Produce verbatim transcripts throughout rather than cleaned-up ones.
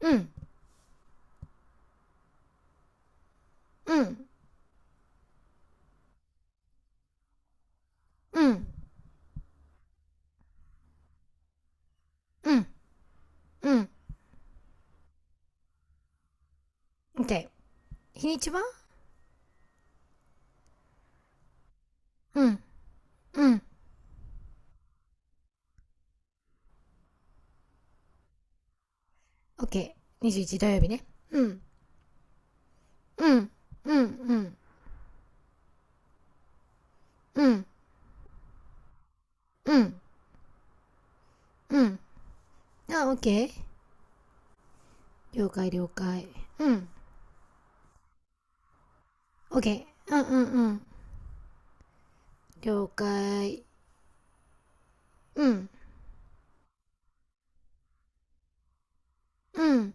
うん、うん、うん、うん、うん。OK。日にちは？うん、うん。OK。にじゅういち土曜日ね。うん、うん、うん、うん、うん、うん、うん。あ、OK。了解、了解。うん。OK。うん、うん、うん。了解。うん、うん、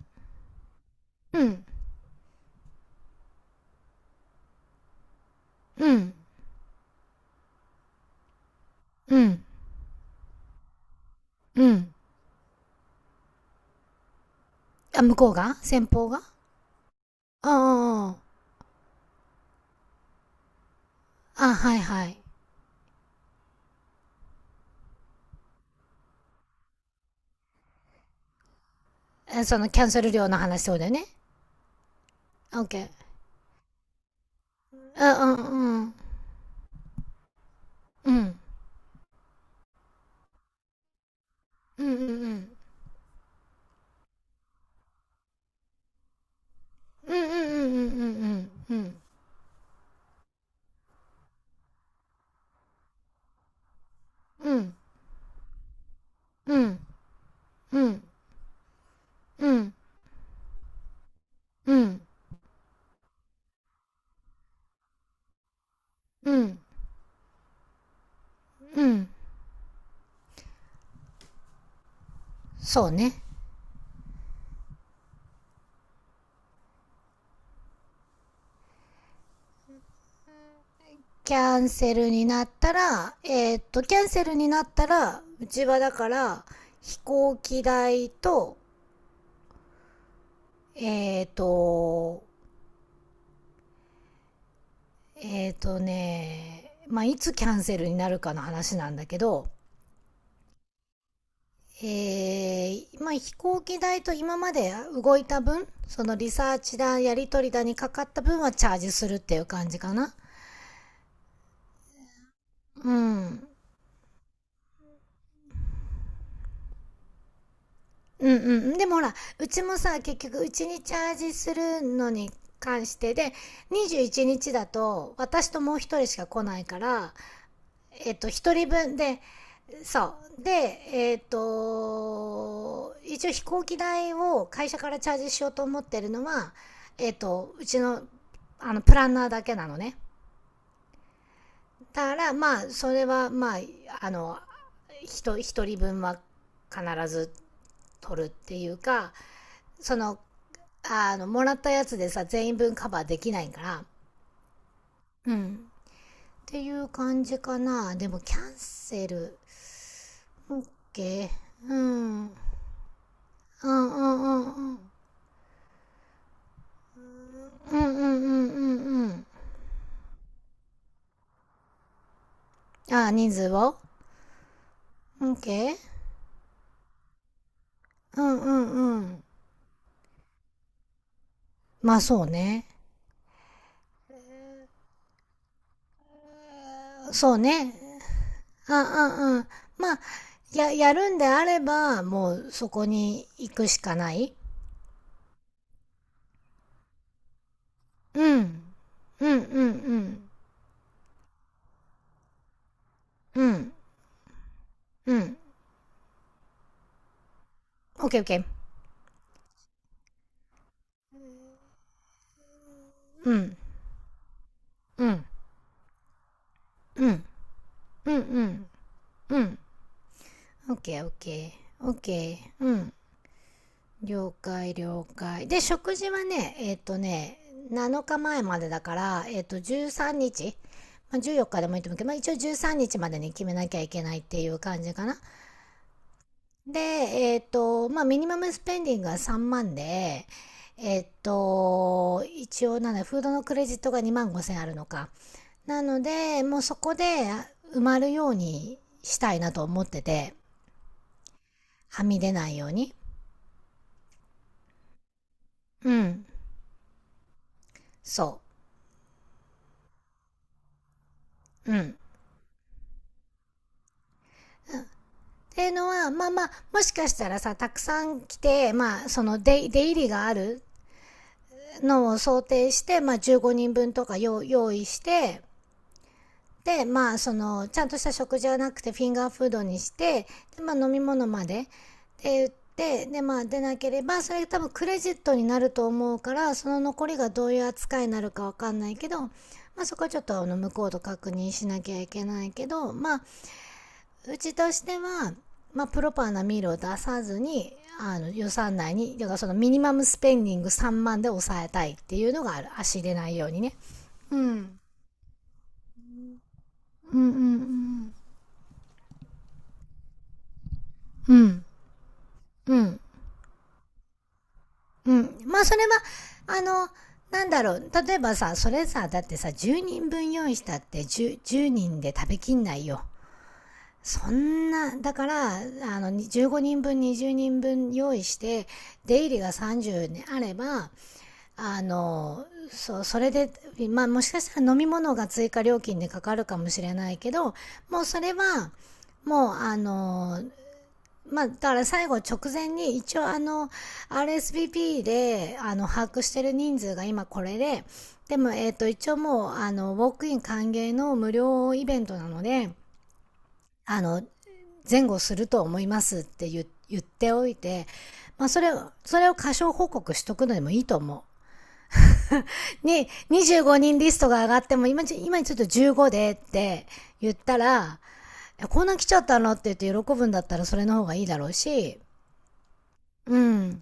うん、うん、うん、うん。あ、向こうが先方が。ああ、あ、はいはい。え、そのキャンセル料の話、そうだよね。OK。あ、うん、うん。うん、うん。うん。うんうんうん。うんうんうんうんうんうんうんうんうんうん。そうね。キャンセルになったら、えーっとキャンセルになったらうちはだから飛行機代と、えーっとえーっとねまあ、いつキャンセルになるかの話なんだけど、えーまあ、飛行機代と今まで動いた分、そのリサーチだ、やり取りだにかかった分はチャージするっていう感じかな。うん。うんうん。でもほら、うちもさ、結局うちにチャージするのに関してで、にじゅういちにちだと私ともう一人しか来ないから、えっと、一人分で、そうで、えっ、と一応飛行機代を会社からチャージしようと思ってるのは、えっ、とうちのあのプランナーだけなのね。だからまあ、それはまあ、あの ひと, ひと一人分は必ず取るっていうか、その、あのもらったやつでさ、全員分カバーできないから。うん、っていう感じかな。でもキャンセル。 OK。 うんうんうんうんうんうんうんうんうんうん。ああ、人数を ?OK? うんうんうん。まあそうね。そうね。あ、うんうん。あ、まあ、や、やるんであれば、もうそこに行くしかない。うん。うんうんうん。うん。うん。OK OK。うん。うん。うん。うんうん。うん。OK OK。OK。うん。了解了解。で、食事はね、えっ、とね、7日前まえまでだから、えっ、と、じゅうさんにち、まあ、じゅうよっかでもいいと思うけど、まあ、一応じゅうさんにちまでに決めなきゃいけないっていう感じかな。で、えっ、と、まあ、ミニマムスペンディングがさんまんで、えっ、と、一応なんだ、フードのクレジットがにまんごせんあるのか。なので、もうそこで埋まるようにしたいなと思ってて、はみ出ないように。うん、そう。うん。っていうのは、まあまあ、もしかしたらさ、たくさん来て、まあ、その出出入りがあるのを想定して、まあ、じゅうごにんぶんとか用用意して、で、まあ、その、ちゃんとした食事はなくて、フィンガーフードにして、でまあ、飲み物まで、って言って、で、まあ、出なければ、それ多分クレジットになると思うから、その残りがどういう扱いになるかわかんないけど、まあ、そこはちょっとあの向こうと確認しなきゃいけないけど、まあ、うちとしては、まあ、プロパーなミールを出さずに、あの、予算内に、だからそのミニマムスペンディングさんまんで抑えたいっていうのがある。足出ないようにね。うん。うんうんうん。うん。うん。うん。まあ、それは、あの、なんだろう、例えばさ、それさ、だってさ、じゅうにんぶん用意したってじゅう人で食べきんないよ。そんな、だから、あの、じゅうごにんぶん、にじゅうにんぶん用意して、出入りがさんじゅうね、あれば、あの、そう、それで、まあ、もしかしたら飲み物が追加料金でかかるかもしれないけど、もうそれは、もうあの、まあだから最後直前に一応あの、アールエスブイピー で、あの、把握してる人数が今これで、でもえっ、と一応もうあの、ウォークイン歓迎の無料イベントなので、あの、前後すると思いますって言言っておいて、まあそれを、それを過小報告しとくのでもいいと思う。に、にじゅうごにんリストが上がっても、今ち、今ちょっとじゅうごでって言ったら、こんな来ちゃったのって言って喜ぶんだったらそれの方がいいだろうし。うん。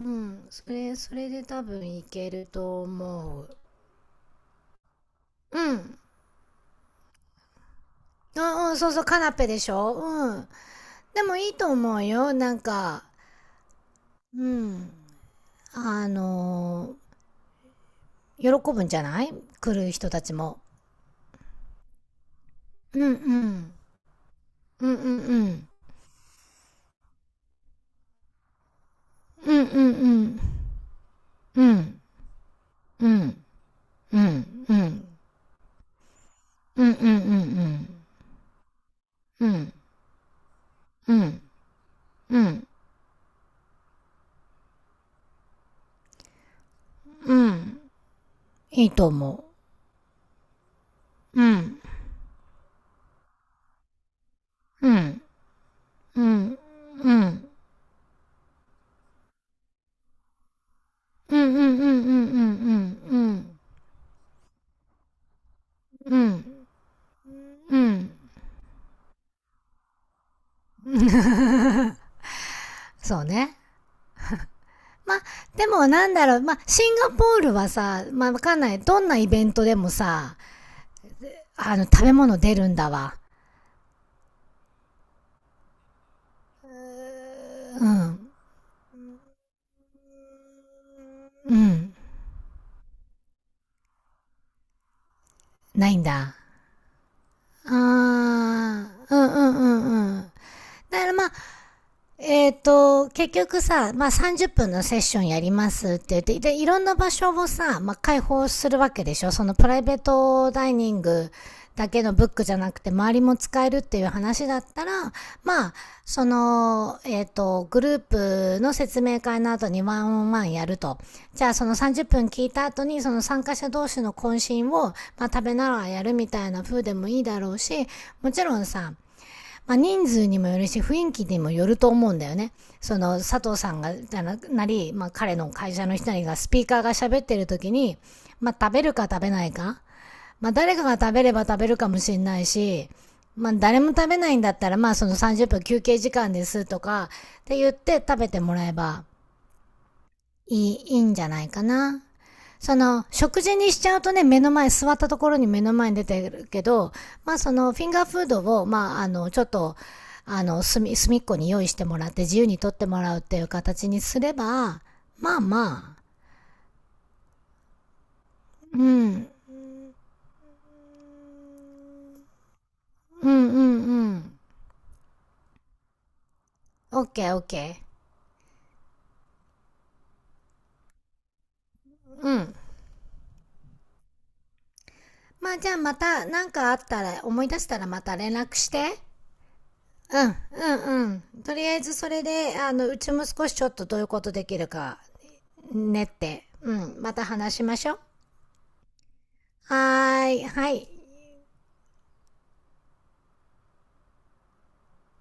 うん。それ、それで多分いけると思う。うん。あ、うん、そうそう、カナペでしょ。うん。でもいいと思うよ。なんか、うん、あのー喜ぶんじゃない、来る人たちも。うんうん。うんうんうん。うんうんうん。うん。うん。うん、うん。うん、うん、うん、うん。うん、うん、うん、うん。いいと思う。うん、うん、うん、うん。うん、うん、うん、うん、うん、うん、うん、うん。そうね。まあ、でもなんだろう、まあ、シンガポールはさ、まあ、わかんない。どんなイベントでもさ、あの、食べ物出るんだわ。うん、うん。ないんだ。あー、うん、うん、うん、うん。だからまあ、えっと、結局さ、まあ、さんじゅっぷんのセッションやりますって言って、で、いろんな場所をさ、まあ、開放するわけでしょ、そのプライベートダイニングだけのブックじゃなくて、周りも使えるっていう話だったら、まあ、その、えっ、と、グループの説明会の後にワンオンワンやると。じゃあ、そのさんじゅっぷん聞いた後に、その参加者同士の懇親を、まあ、食べながらやるみたいな風でもいいだろうし、もちろんさ、まあ、人数にもよるし、雰囲気にもよると思うんだよね。その、佐藤さんが、ななり、まあ、彼の会社の人にが、スピーカーが喋ってる時に、まあ、食べるか食べないか。まあ、誰かが食べれば食べるかもしれないし、まあ、誰も食べないんだったら、まあ、そのさんじゅっぷん休憩時間ですとか、って言って食べてもらえば、いい、いいんじゃないかな。その、食事にしちゃうとね、目の前、座ったところに目の前に出てるけど、まあその、フィンガーフードを、まあ、あの、ちょっと、あの、隅、隅っこに用意してもらって、自由に取ってもらうっていう形にすれば、まあまあ。うん、うんうんうん。オッケーオッケー。うん。まあ、じゃあまた、なんかあったら、思い出したらまた連絡して。うん、うんうん。とりあえずそれで、あの、うちも少しちょっとどういうことできるかねって。うん。また話しましょう。はーい。はい。